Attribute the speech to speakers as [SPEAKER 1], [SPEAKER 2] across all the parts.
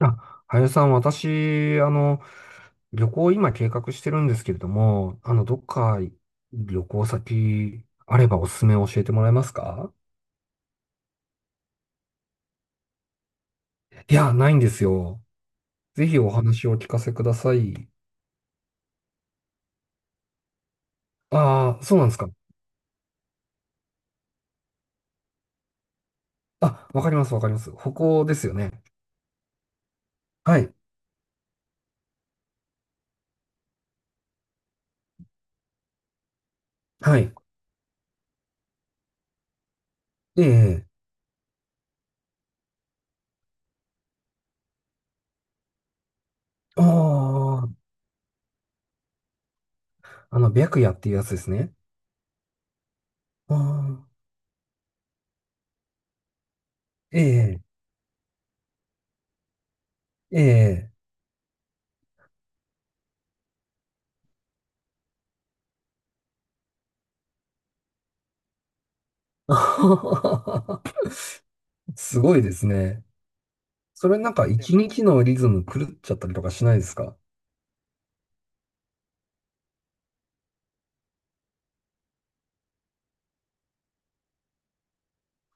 [SPEAKER 1] あ、林さん、私、旅行今計画してるんですけれども、どっか旅行先あればおすすめ教えてもらえますか？いや、ないんですよ。ぜひお話をお聞かせください。ああ、そうなんですか。あ、わかります、わかります。北欧ですよね。はい、はい。ええ、ああ、白夜っていうやつですね。ああ、ええ、ええ。すごいですね。それなんか一日のリズム狂っちゃったりとかしないですか？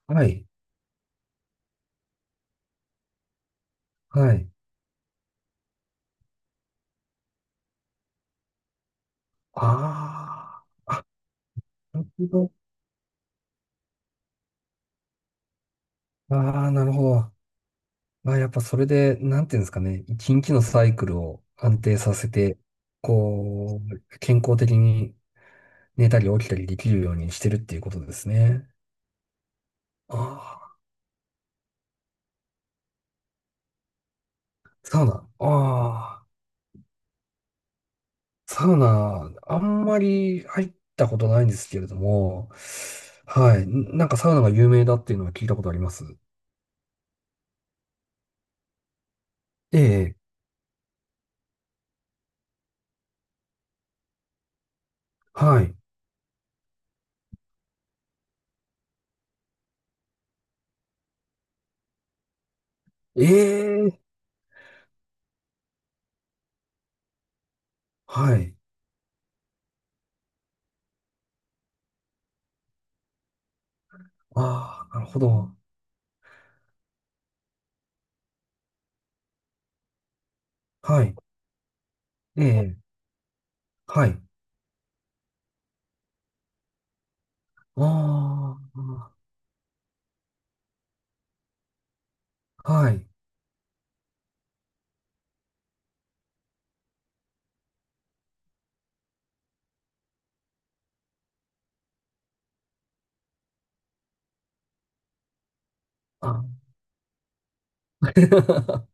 [SPEAKER 1] はい。はい。ああ、なるほど。ああ、なるほど。まあ、やっぱそれで、なんていうんですかね。一日のサイクルを安定させて、こう、健康的に寝たり起きたりできるようにしてるっていうことですね。ああ、サウナ。ああ、サウナ、あんまり入ったことないんですけれども、はい。なんかサウナが有名だっていうのは聞いたことあります。ええ、はい。ええはい。ああ、なるほど。はい。ええはい。ああ、はい。あ、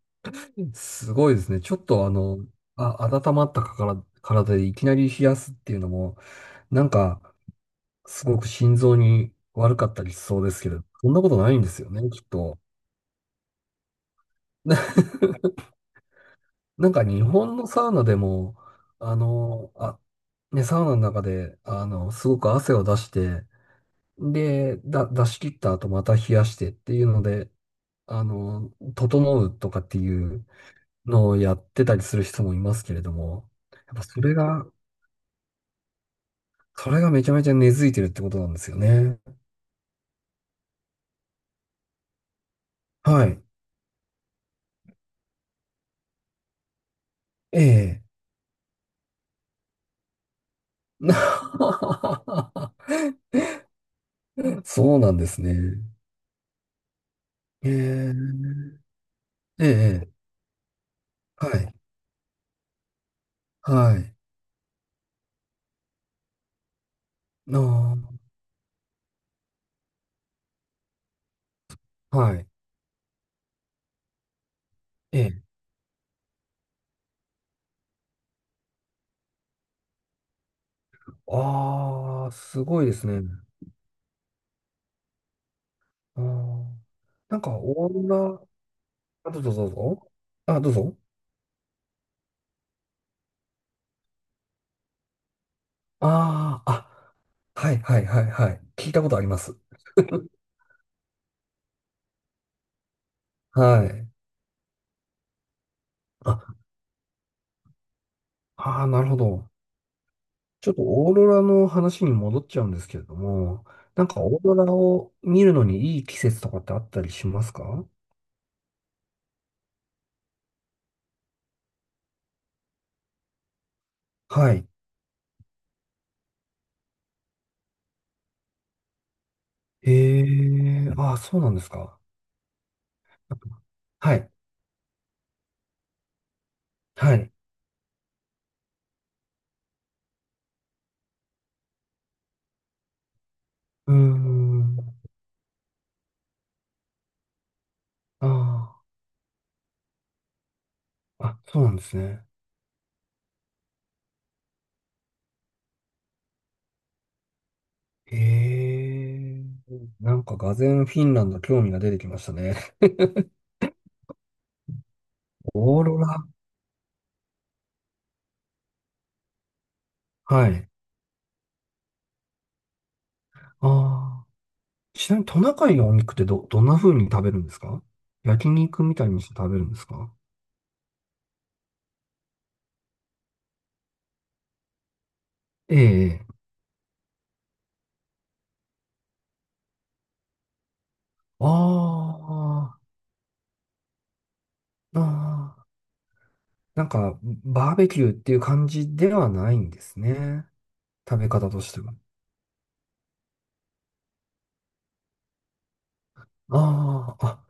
[SPEAKER 1] すごいですね。ちょっとあ、温まったかから、体でいきなり冷やすっていうのも、なんか、すごく心臓に悪かったりしそうですけど、そんなことないんですよね、きっと。な、なんか日本のサウナでも、あ、ね、サウナの中で、すごく汗を出して、で、出し切った後また冷やしてっていうので、あの、整うとかっていうのをやってたりする人もいますけれども、やっぱそれがめちゃめちゃ根付いてるってことなんですよね。はい。ええ。そうなんですね。ええ、ええ、はい、はい、ああ、はい、ええ。ああ、すごいですね。ああ、なんか、オーロラ、あ、どうぞどうぞ。あ、どうぞ。ああ、あ、はいはいはいはい。聞いたことあります。はい。あ、ああ、なるほど。ちょっとオーロラの話に戻っちゃうんですけれども、なんかオーロラを見るのにいい季節とかってあったりしますか？はい。ええ、ああ、そうなんですか。はい。はい。うーん。ああ、あ、そうなんですね。ええ、なんか俄然フィンランド興味が出てきましたね。オーロラ。はい。ああ。ちなみにトナカイのお肉ってどんな風に食べるんですか？焼肉みたいにして食べるんですか？ええ。ああ、あーあー。なんか、バーベキューっていう感じではないんですね。食べ方としては。ああ、あ、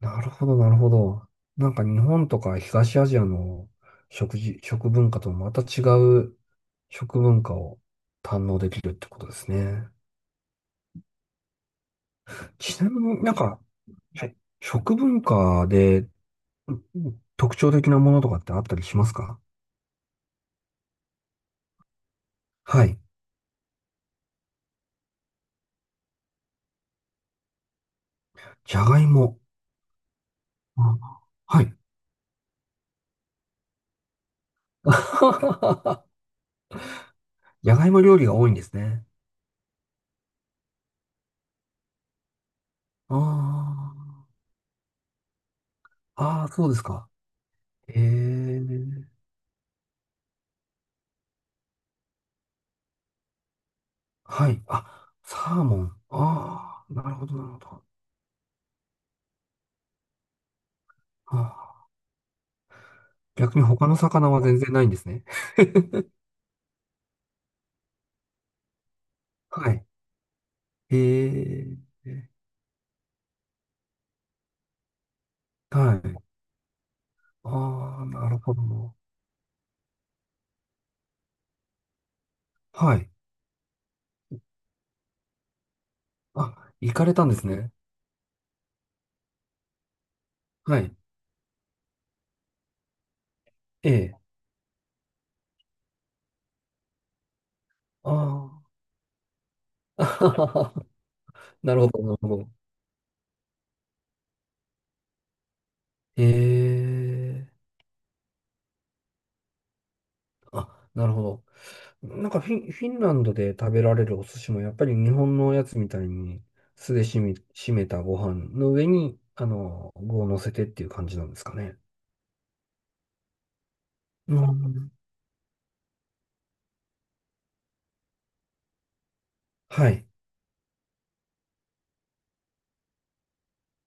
[SPEAKER 1] なるほど、なるほど。なんか日本とか東アジアの食文化とまた違う食文化を堪能できるってことですね。ちなみになんか、はい、食文化で、うん、特徴的なものとかってあったりしますか？はい。じゃがいも。あ、はい。じゃがいも料理が多いんですね。ああ。ああ、そうですか。ええ。はい。あ、サーモン。ああ、なるほど、なるほど。あ逆に他の魚は全然ないんですね。はい。ええ。はい。ああ、なるほど。はい。あ、行かれたんですね。はい。ええ。ああ。なるほど、なるほど。ええ、あ、なるほど。なんかフィンランドで食べられるお寿司もやっぱり日本のやつみたいに酢でしめたご飯の上に、具を乗せてっていう感じなんですかね。うん。はい。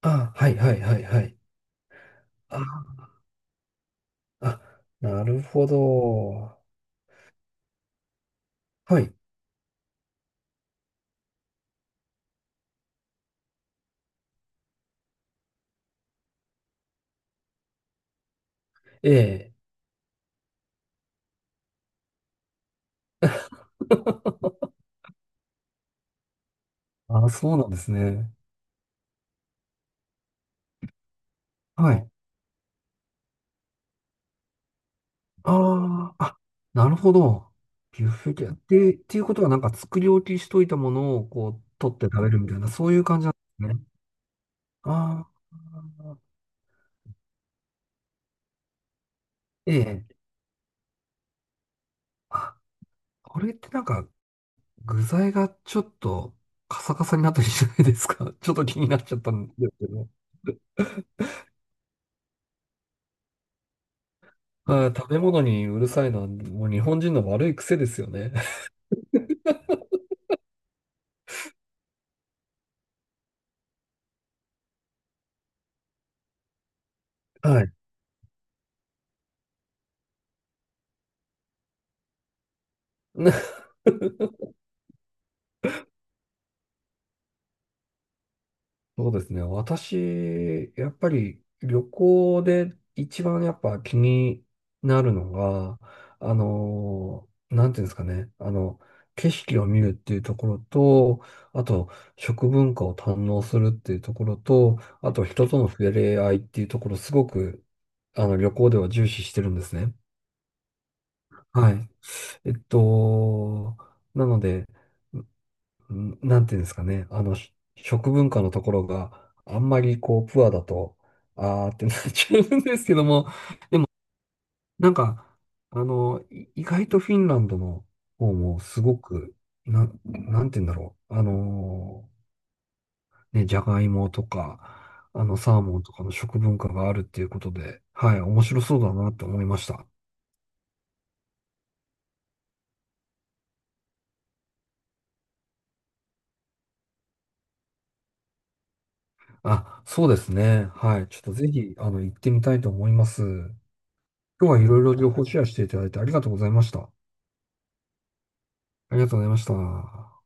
[SPEAKER 1] あ、はいはいはいはい。あ、あ、なるほど。はい。ええ。あ、そうなんですね。はい。ああ、あ、なるほど。ビュッフェ系。で、っていうことはなんか作り置きしといたものをこう取って食べるみたいな、そういう感じなんですね。ああ、ええ。あ、これってなんか具材がちょっとカサカサになったりしないですか？ ちょっと気になっちゃったんですけど。はい、食べ物にうるさいのはもう日本人の悪い癖ですよね。はい。そうですね。私、やっぱり旅行で一番やっぱ気になるのが、なんていうんですかね。景色を見るっていうところと、あと、食文化を堪能するっていうところと、あと、人との触れ合いっていうところ、すごく、旅行では重視してるんですね。はい。えっと、なので、なんていうんですかね、食文化のところがあんまりこう、プアだと、あーってなっちゃうんですけども、なんか、意外とフィンランドの方もすごく、なんていうんだろう、ね、じゃがいもとか、サーモンとかの食文化があるっていうことで、はい、面白そうだなって思いました。あ、そうですね。はい。ちょっとぜひ、行ってみたいと思います。今日はいろいろ情報シェアしていただいてありがとうございました。ありがとうございました。